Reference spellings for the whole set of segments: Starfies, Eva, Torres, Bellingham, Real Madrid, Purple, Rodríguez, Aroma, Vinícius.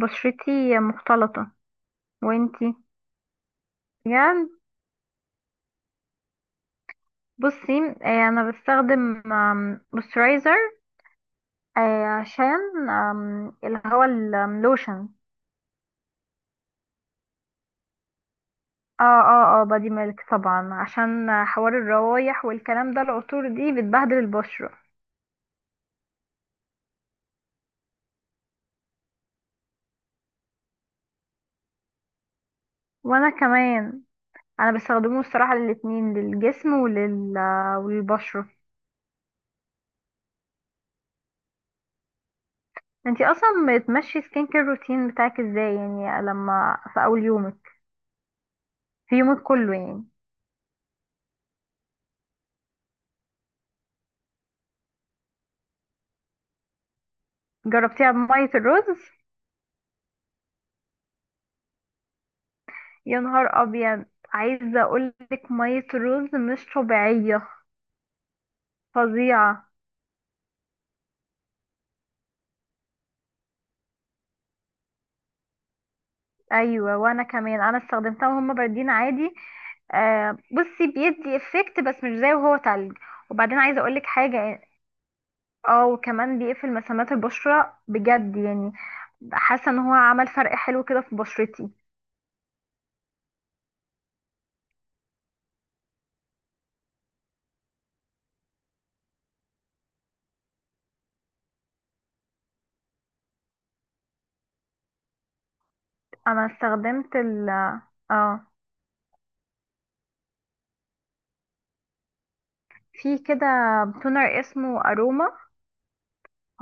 بشرتي مختلطة. وانتي؟ يعني بصي آه، انا بستخدم مويسترايزر عشان اللي هو اللوشن. اه اه اه، بادي ميلك طبعا عشان حوار الروايح والكلام ده، العطور دي بتبهدل البشرة. وانا كمان، انا بستخدمه الصراحة للاتنين، للجسم وللبشرة. انتي اصلا بتمشي سكين كير روتين بتاعك ازاي يعني؟ لما في اول يومك، في يومك كله يعني؟ جربتيها بمية الرز؟ يا نهار ابيض! عايزه اقولك ميه رز مش طبيعيه. فظيعه. ايوه وانا كمان، انا استخدمتها وهم باردين عادي. آه بصي، بيدي افكت بس مش زي وهو تلج. وبعدين عايزه اقولك حاجه. اه، وكمان بيقفل مسامات البشره بجد يعني. حاسه ان هو عمل فرق حلو كده في بشرتي. انا استخدمت ال اه، في كده تونر اسمه اروما.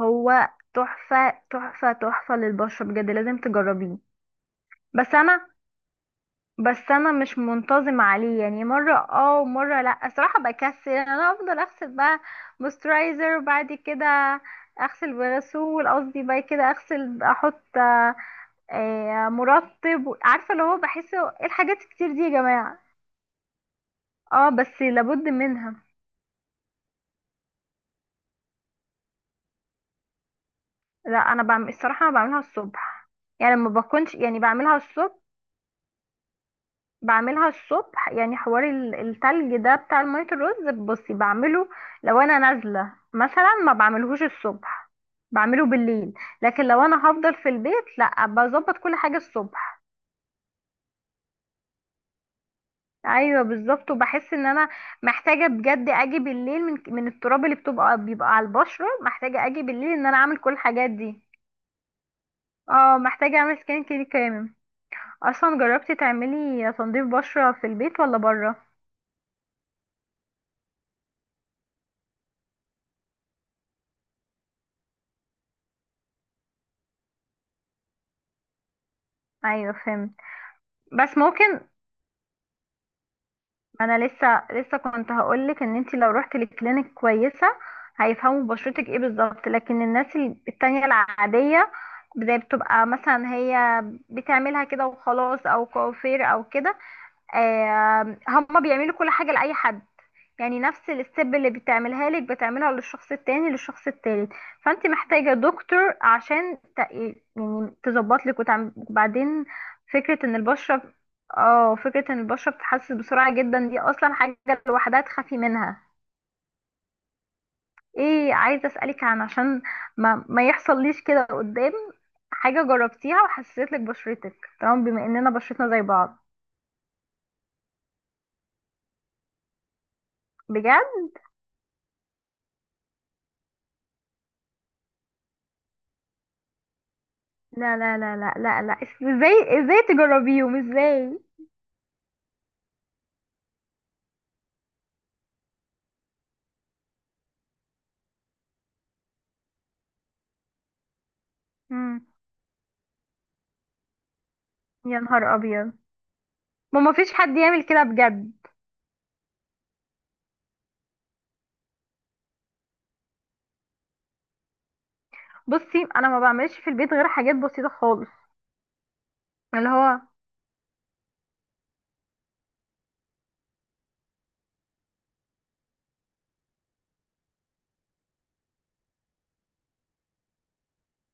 هو تحفه تحفه تحفه للبشره، بجد لازم تجربيه. بس انا بس انا مش منتظم عليه، يعني مره اه ومره لا. الصراحه بكسل، يعني انا افضل اغسل بقى مويسترايزر وبعد كده اغسل بغسول. قصدي بقى كده، اغسل احط مرطب، عارفه اللي هو؟ بحس ايه الحاجات الكتير دي يا جماعه؟ اه بس لابد منها. لا انا بعمل الصراحه، انا بعملها الصبح. يعني ما بكونش، يعني بعملها الصبح. بعملها الصبح، يعني حوار التلج ده بتاع المية الرز بصي بعمله. لو انا نازلة مثلا ما بعملهوش الصبح، بعمله بالليل. لكن لو انا هفضل في البيت لا، بظبط كل حاجة الصبح. ايوه بالظبط. وبحس ان انا محتاجة بجد اجي بالليل، من التراب اللي بتبقى بيبقى على البشرة، محتاجة اجي بالليل ان انا اعمل كل الحاجات دي. اه محتاجة اعمل سكان كير كامل. اصلا جربتي تعملي تنظيف بشرة في البيت ولا بره؟ ايوه فهمت. بس ممكن، ما انا لسه لسه كنت هقولك ان انت لو رحت لكلينيك كويسه هيفهموا بشرتك ايه بالظبط. لكن الناس التانية العاديه زي، بتبقى مثلا هي بتعملها كده وخلاص، او كوافير او كده. هما بيعملوا كل حاجة لأي حد. يعني نفس الستيب اللي بتعملها لك بتعملها للشخص التاني، للشخص التالت. فانت محتاجة دكتور عشان يعني تظبط لك وتعمل. وبعدين فكرة ان البشرة اه فكرة ان البشرة بتتحسس بسرعة جدا، دي اصلا حاجة لوحدها تخافي منها. ايه عايزة اسألك عن، عشان ما يحصل ليش كده قدام، حاجة جربتيها وحسيت لك بشرتك تمام بما اننا بشرتنا زي بعض؟ بجد؟ لا لا لا لا لا لا! ازاي ازاي تجربيهم ازاي؟ مم. يا نهار ابيض! ما فيش حد يعمل كده بجد. بصي انا ما بعملش في البيت غير حاجات بسيطه خالص. اللي هو،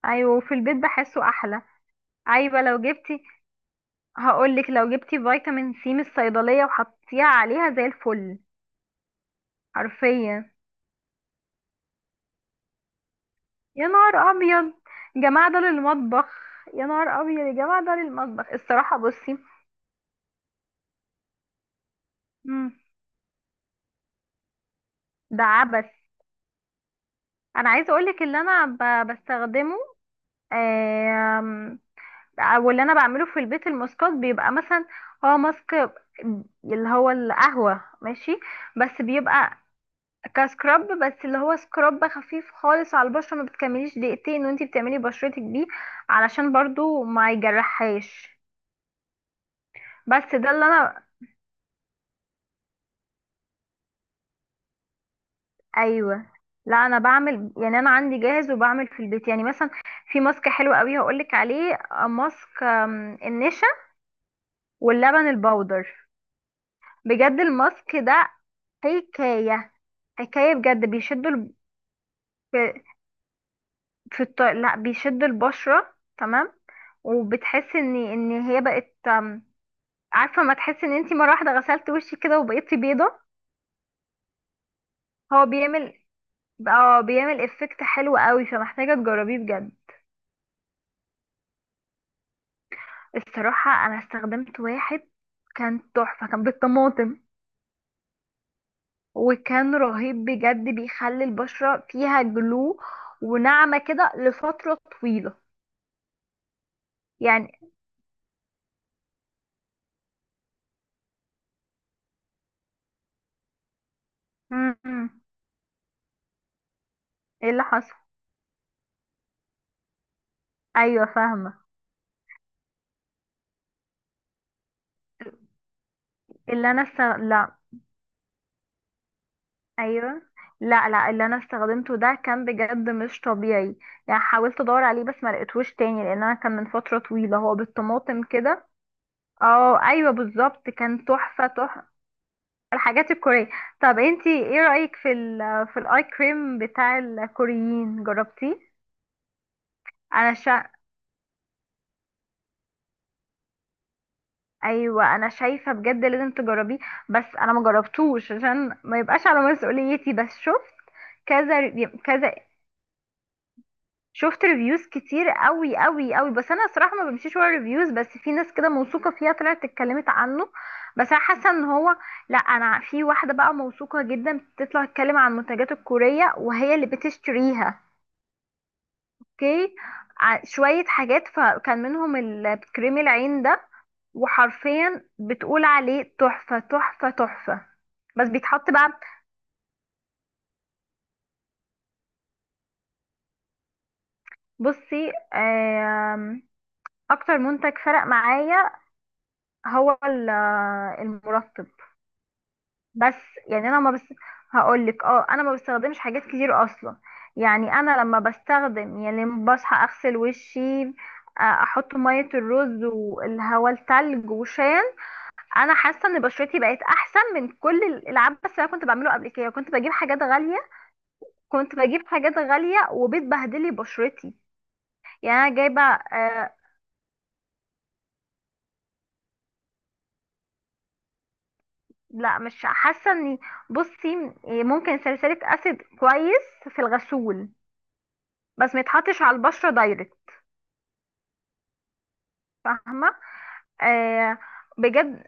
ايوه في البيت بحسه احلى. ايوه لو جبتي، هقولك لو جبتي فيتامين سي من الصيدليه وحطيتيها عليها زي الفل. حرفيا، يا نهار ابيض يا جماعه ده للمطبخ! يا نهار ابيض يا جماعه ده للمطبخ، الصراحه بصي. مم. ده عبث. انا عايزه اقولك اللي انا بستخدمه، آم، واللي انا بعمله في البيت. الماسكات بيبقى مثلا هو ماسك اللي هو القهوة ماشي. بس بيبقى كسكراب، بس اللي هو سكراب خفيف خالص على البشرة، ما بتكمليش دقيقتين وانتي بتعملي بشرتك بيه، علشان برضو ما يجرحهاش. بس ده اللي انا، ايوه. لا انا بعمل يعني، انا عندي جاهز وبعمل في البيت يعني. مثلا في ماسك حلو قوي هقولك عليه، ماسك النشا واللبن البودر. بجد الماسك ده حكاية حكاية، بجد بيشدوا ال... في لا بيشدوا البشرة تمام. وبتحس ان هي بقت عارفة ما تحس ان انتي مرة واحدة غسلت وشك كده وبقيتي بيضة. هو بيعمل افكت حلو قوي، فمحتاجة تجربيه بجد. الصراحة انا استخدمت واحد كان تحفة، كان بالطماطم. وكان رهيب بجد، بيخلي البشرة فيها جلو وناعمة كده لفترة طويلة. يعني م. ايه اللي حصل؟ ايوه فاهمه. لا. ايوه لا لا، اللي انا استخدمته ده كان بجد مش طبيعي. يعني حاولت ادور عليه بس ما لقيتهوش تاني، لان انا كان من فتره طويله. هو بالطماطم كده. اه ايوه بالظبط، كان تحفه تحفه. الحاجات الكوريه. طب انتي ايه رايك في في الاي كريم بتاع الكوريين، جربتيه؟ انا شا... ايوه انا شايفه بجد لازم تجربيه. بس انا ما جربتوش عشان ما يبقاش على مسؤوليتي، بس شفت كذا كذا، شفت ريفيوز كتير قوي قوي قوي. بس انا صراحه ما بمشيش ورا ريفيوز، بس في ناس كده موثوقه فيها طلعت اتكلمت عنه. بس انا حاسه ان هو، لا انا في واحده بقى موثوقه جدا بتطلع تتكلم عن المنتجات الكوريه وهي اللي بتشتريها. اوكي. شويه حاجات، فكان منهم كريم العين ده، وحرفيا بتقول عليه تحفه تحفه تحفه. بس بيتحط بقى. بصي اكتر منتج فرق معايا هو المرطب. بس بس هقول لك اه انا ما بستخدمش حاجات كتير اصلا. يعني انا لما بستخدم، يعني لما بصحى اغسل وشي، احط ميه الرز والهواء التلج وشان. انا حاسه ان بشرتي بقت احسن من كل العبث اللي انا كنت بعمله قبل كده. كنت بجيب حاجات غاليه، كنت بجيب حاجات غاليه وبتبهدلي بشرتي. يعني انا جايبه لا مش حاسه اني، بصي ممكن ساليسيليك اسيد كويس في الغسول، بس ما يتحطش على البشره دايركت. فاهمة. آه، بجد.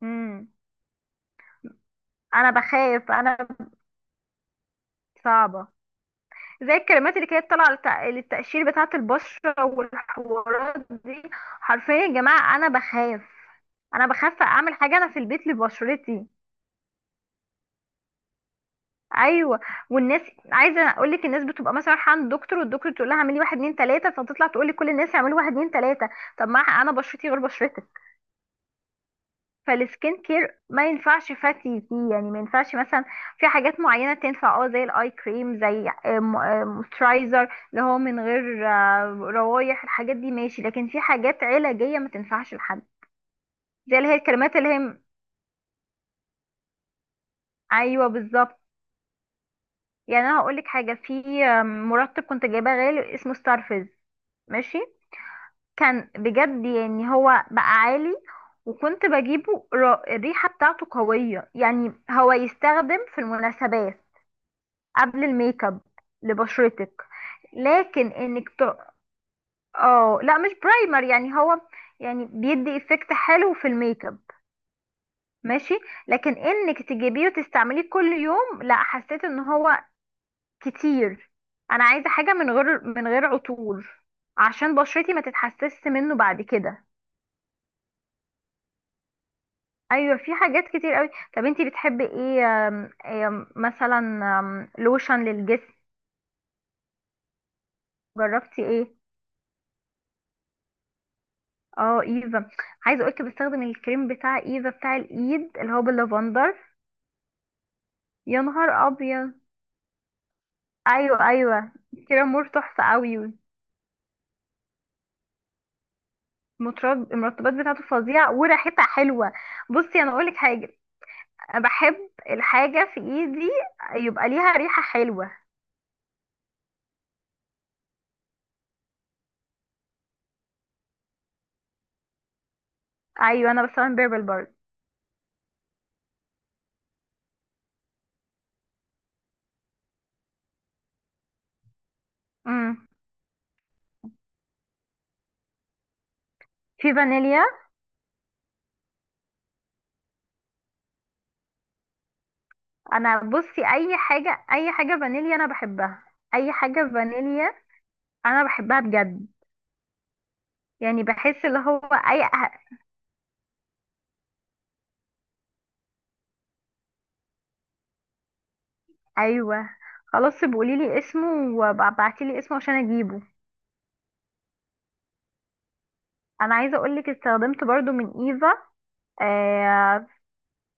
مم. انا بخاف صعبة. زي الكلمات اللي كانت طالعة للتقشير بتاعة البشرة والحوارات دي، حرفيا يا جماعة انا بخاف. انا بخاف اعمل حاجة انا في البيت لبشرتي. ايوه والناس. عايزه اقول لك الناس بتبقى مثلا رايحه عند دكتور، والدكتور تقول لها اعملي واحد اتنين تلاته، فتطلع تقول لي كل الناس يعملوا واحد اتنين تلاته. طب ما انا بشرتي غير بشرتك، فالسكين كير ما ينفعش فاتي فيه. يعني ما ينفعش مثلا، في حاجات معينة تنفع اه زي الاي كريم، زي موسترايزر اللي هو من غير روايح الحاجات دي ماشي. لكن في حاجات علاجية ما تنفعش لحد. زي اللي هي الكريمات اللي هي ايوه بالظبط. يعني انا هقول لك حاجة في مرطب كنت جايباه غالي اسمه ستارفيز ماشي. كان بجد يعني هو بقى عالي. وكنت بجيبه الريحة بتاعته قوية يعني، هو يستخدم في المناسبات، قبل الميك اب لبشرتك. لكن انك ت... اه لا مش برايمر. يعني هو يعني بيدي افكت حلو في الميك اب ماشي. لكن انك تجيبيه وتستعمليه كل يوم لا، حسيت ان هو كتير. انا عايزه حاجه من غير عطور عشان بشرتي ما تتحسسش منه بعد كده. ايوه في حاجات كتير قوي. طب انتي بتحبي ايه آم، آم، مثلا لوشن للجسم؟ جربتي ايه؟ اه ايفا. عايزه اقولك بستخدم الكريم بتاع ايفا بتاع الايد اللي هو باللافندر. يا نهار ابيض! ايوه ايوه، كريم مور تحفه قوي. المرطبات بتاعته فظيعه وريحتها حلوه. بصي انا اقولك حاجه، انا بحب الحاجه في ايدي يبقى ليها ريحه حلوه. ايوه انا بستخدم بيربل برضه. امم. في فانيليا. انا بصي، اي حاجه اي حاجه فانيليا انا بحبها، اي حاجه فانيليا انا بحبها بجد. يعني بحس اللي هو اي أه. ايوه خلاص بقولي لي اسمه وابعتي لي اسمه عشان اجيبه. انا عايزه اقول لك استخدمت برضو من ايفا، آه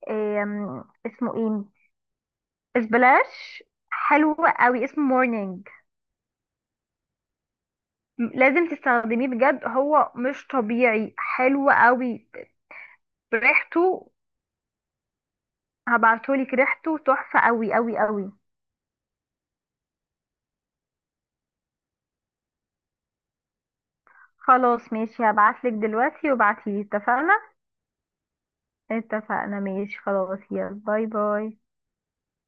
آم، اسمه ايه، اسبلاش. حلو قوي اسمه مورنينج. لازم تستخدميه بجد، هو مش طبيعي حلو قوي. ريحته هبعتهولك، ريحته تحفه قوي قوي قوي. خلاص ماشي هبعتلك دلوقتي وابعتيلي، اتفقنا. اتفقنا ماشي خلاص، يلا باي باي.